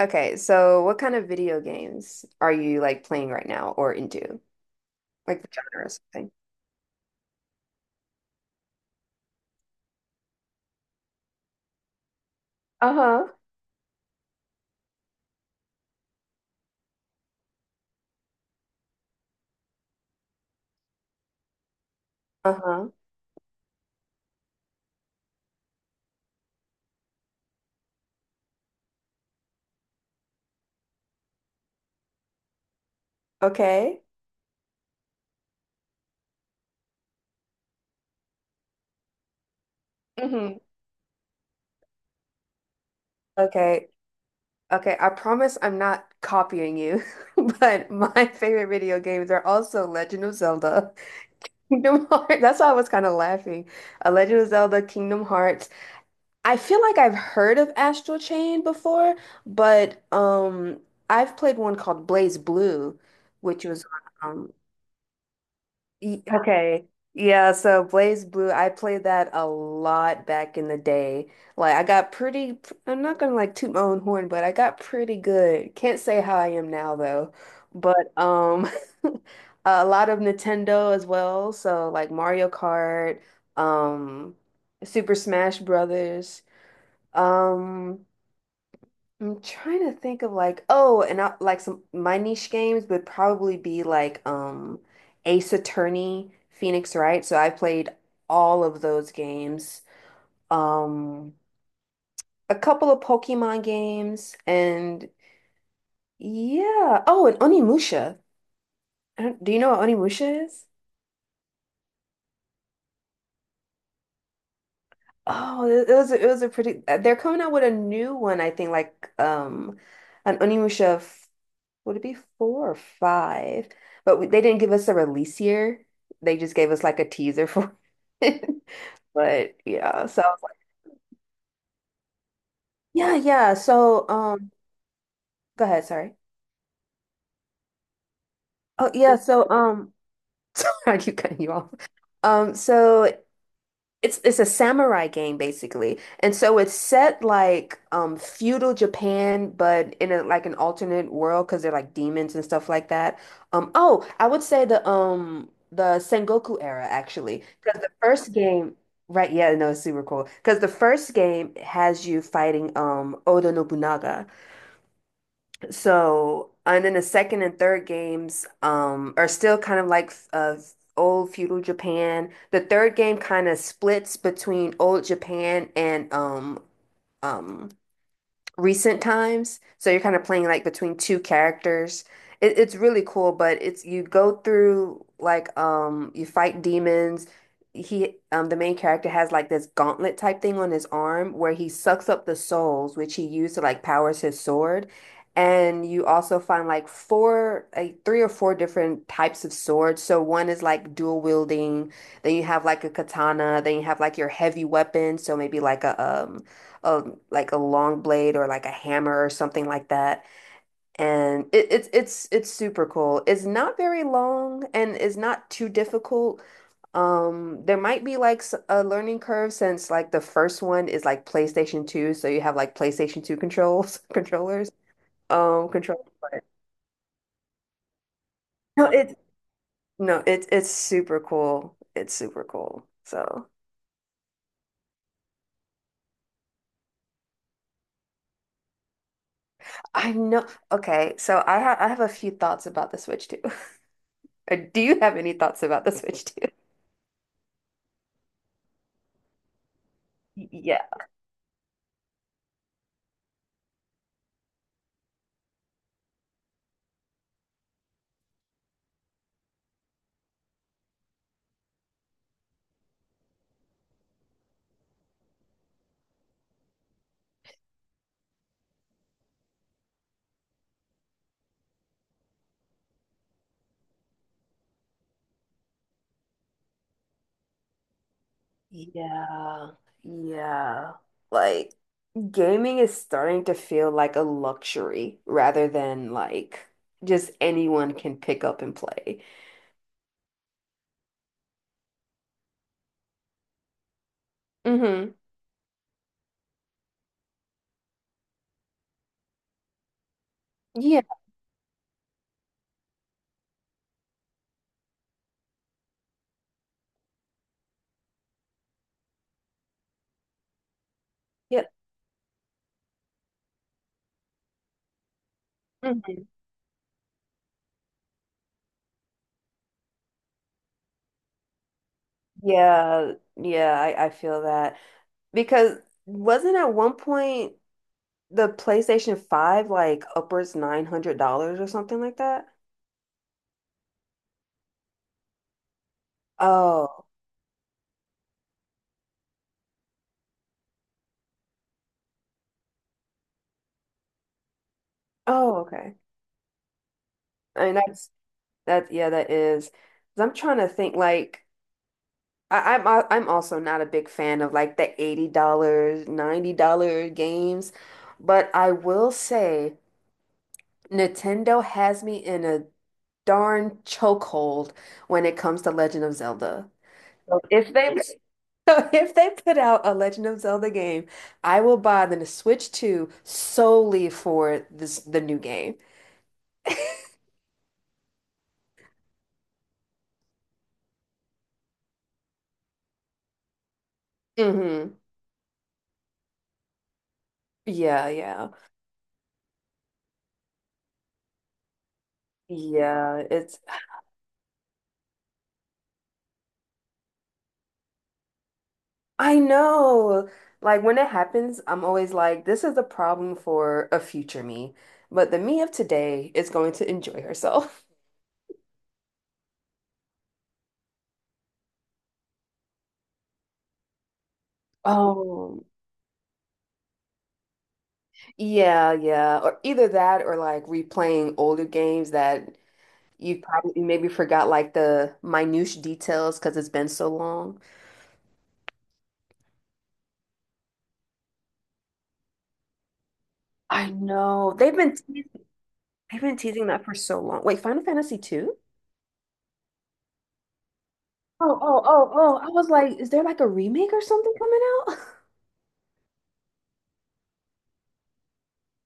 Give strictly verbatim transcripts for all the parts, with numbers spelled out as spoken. Okay, so what kind of video games are you like playing right now or into? Like the genre or something? Uh-huh. Uh-huh. Okay. Hmm. Okay. Okay, I promise I'm not copying you, but my favorite video games are also Legend of Zelda, Kingdom Hearts. That's why I was kind of laughing. A Legend of Zelda, Kingdom Hearts. I feel like I've heard of Astral Chain before, but um I've played one called Blaze Blue, which was on um, Y- Okay. Yeah, so Blaze Blue, I played that a lot back in the day. Like I got pretty, I'm not gonna like toot my own horn, but I got pretty good. Can't say how I am now though. But um a lot of Nintendo as well, so like Mario Kart, um Super Smash Brothers. Um I'm trying to think of like oh, and I, like some my niche games would probably be like um Ace Attorney, Phoenix Wright. So I played all of those games. Um, a couple of Pokemon games, and yeah. Oh, and Onimusha. I don't- Do you know what Onimusha is? Oh, it it was a- it was a pretty. They're coming out with a new one, I think, like um an Onimusha. Would it be four or five? But we- they didn't give us a release year. They just gave us like a teaser for it. But yeah, so I was like, yeah, yeah. So um, go ahead. Sorry. Oh yeah. So um, sorry, I keep cutting you off. Um, so It's it's a samurai game basically. And so it's set like um feudal Japan but in a like an alternate world because they're like demons and stuff like that. Um oh, I would say the um the Sengoku era actually because the first game, right, yeah, no, it's super cool because the first game has you fighting um Oda Nobunaga. So, and then the second and third games um, are still kind of like uh, old feudal Japan. The third game kind of splits between old Japan and um, um, recent times. So you're kind of playing like between two characters. It, it's really cool, but it's you go through like um you fight demons. He um the main character has like this gauntlet type thing on his arm where he sucks up the souls, which he used to like powers his sword. And you also find like four, like three or four different types of swords. So one is like dual wielding, then you have like a katana, then you have like your heavy weapon, so maybe like a um a like a long blade or like a hammer or something like that. And it, it's it's it's super cool. It's not very long and it's not too difficult. Um, there might be like s- a learning curve since like the first one is like PlayStation two, so you have like PlayStation two controls controllers um control. But no, it's no, it's it's super cool. It's super cool. So I know. Okay, so I have I have a few thoughts about the Switch too. Do you have any thoughts about the Switch? Yeah, yeah, yeah. Like gaming is starting to feel like a luxury rather than like just anyone can pick up and play. Hmm. Yeah, yeah. Hmm. Yeah, yeah, I, I feel that. Because wasn't at one point the PlayStation five like upwards nine hundred dollars or something like that? Oh, oh, okay. I mean, that's that, yeah, that is. 'Cause I'm trying to think like. I, I'm al- I'm also not a big fan of like the $80, dollars ninety dollars games, but I will say Nintendo has me in a darn chokehold when it comes to Legend of Zelda. So If they so if they put out a Legend of Zelda game, I will buy the Switch two solely for this the new game. Hmm. Yeah, yeah. Yeah, it's I know. Like when it happens, I'm always like, this is a problem for a future me. But the me of today is going to enjoy herself. Oh, yeah, yeah. Or either that or like replaying older games that you probably maybe forgot like the minute details because it's been so long. I know. They've been te they've been teasing that for so long. Wait, Final Fantasy two? Oh, oh, oh, oh. I was like, is there like a remake or something coming out?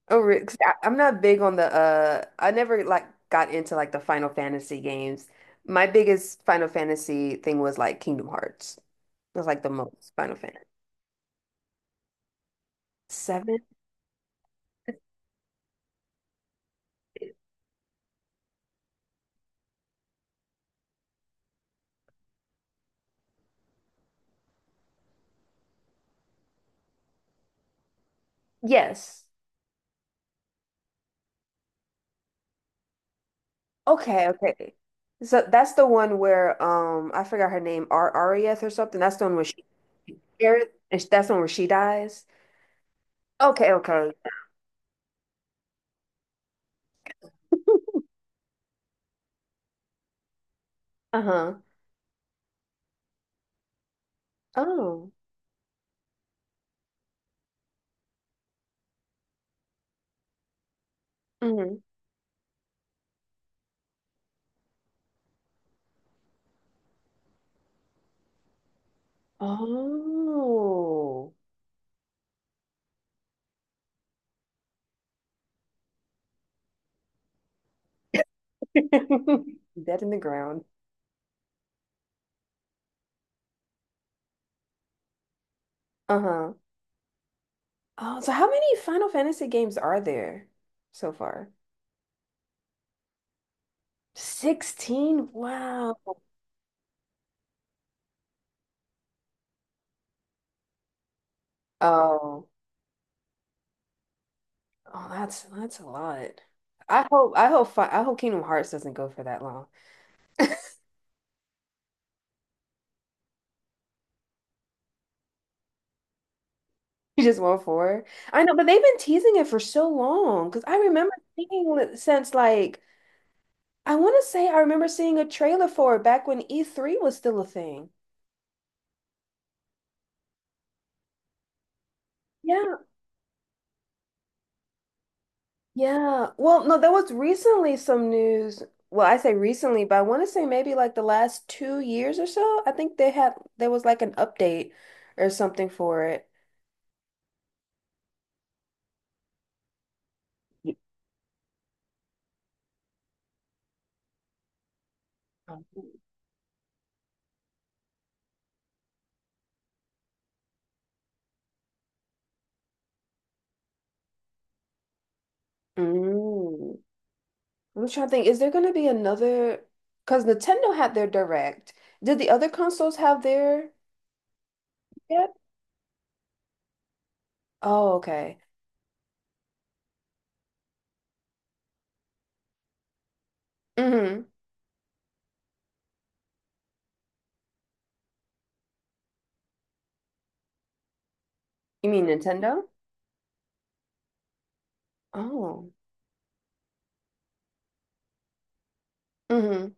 Oh, re- 'cause I, I'm not big on the uh I never like got into like the Final Fantasy games. My biggest Final Fantasy thing was like Kingdom Hearts. It was like the most Final Fantasy. Seven? Yes. Okay, okay. So that's the one where um I forgot her name, Ar Arieth or something. That's the one where she Aerith, and that's the one where she dies. Okay, okay. Uh-huh. Oh. Hmm. Oh. Dead in the ground. Uh-huh. Oh, so how many Final Fantasy games are there so far? sixteen? Wow. Oh, oh, that's that's a lot. I hope I hope fi I hope Kingdom Hearts doesn't go for that long. You just want four. I know, but they've been teasing it for so long because I remember seeing it since like I want to say I remember seeing a trailer for it back when E three was still a thing. Yeah. Yeah. Well, no, there was recently some news. Well, I say recently, but I want to say maybe like the last two years or so. I think they had there was like an update or something for it. Y- Oh. Mm. I'm trying to think, is there going to be another? Because Nintendo had their Direct. Did the other consoles have their yet? Oh, okay. Hmm. You mean Nintendo? Oh. Hmm.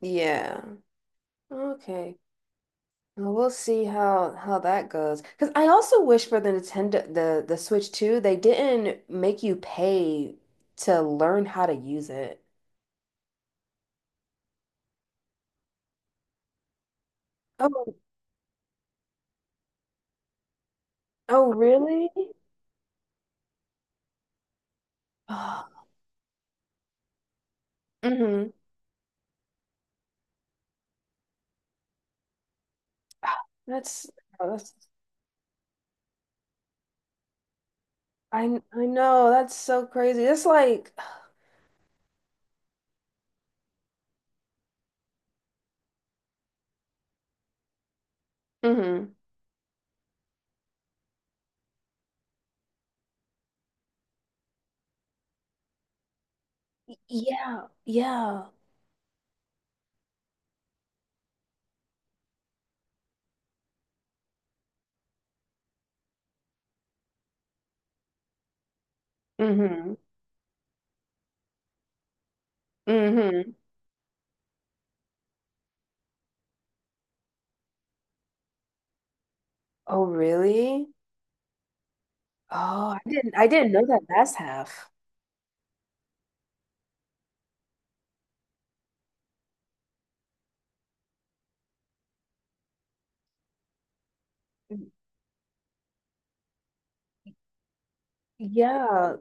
Yeah. Okay. Uh, We'll see how how that goes. Because I also wish for the Nintendo the the Switch too, they didn't make you pay to learn how to use it. Oh, oh, really? Oh, mm-hmm. That's, oh, that's, I I know that's so crazy. It's like mm-hmm. Yeah, yeah. Mm-hmm. Mm-hmm. Oh, really? Oh, I didn't I didn't know that last half. Yeah.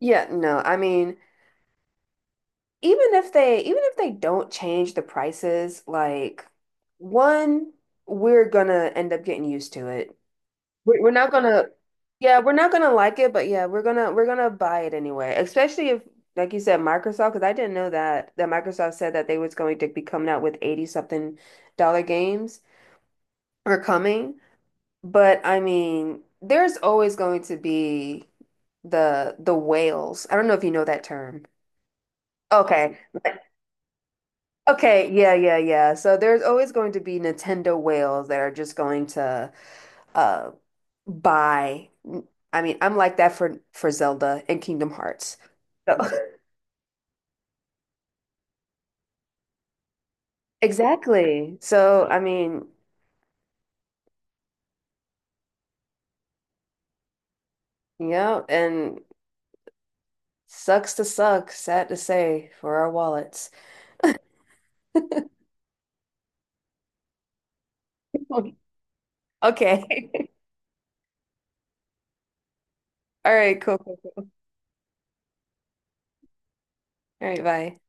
Yeah, no, I mean, even if they even if they don't change the prices, like one, we're gonna end up getting used to it. We're, we're not gonna, yeah, we're not gonna like it, but yeah, we're gonna we're gonna buy it anyway. Especially if, like you said, Microsoft, because I didn't know that that Microsoft said that they was going to be coming out with eighty something dollar games or coming. But I mean, there's always going to be the the whales. I don't know if you know that term. Okay. Okay, yeah, yeah, yeah. So there's always going to be Nintendo whales that are just going to uh buy. I mean, I'm like that for for Zelda and Kingdom Hearts. So exactly. So I mean, yeah, and sucks to suck, sad to say, for our wallets. Okay. All right, cool. Cool, cool. All right, bye.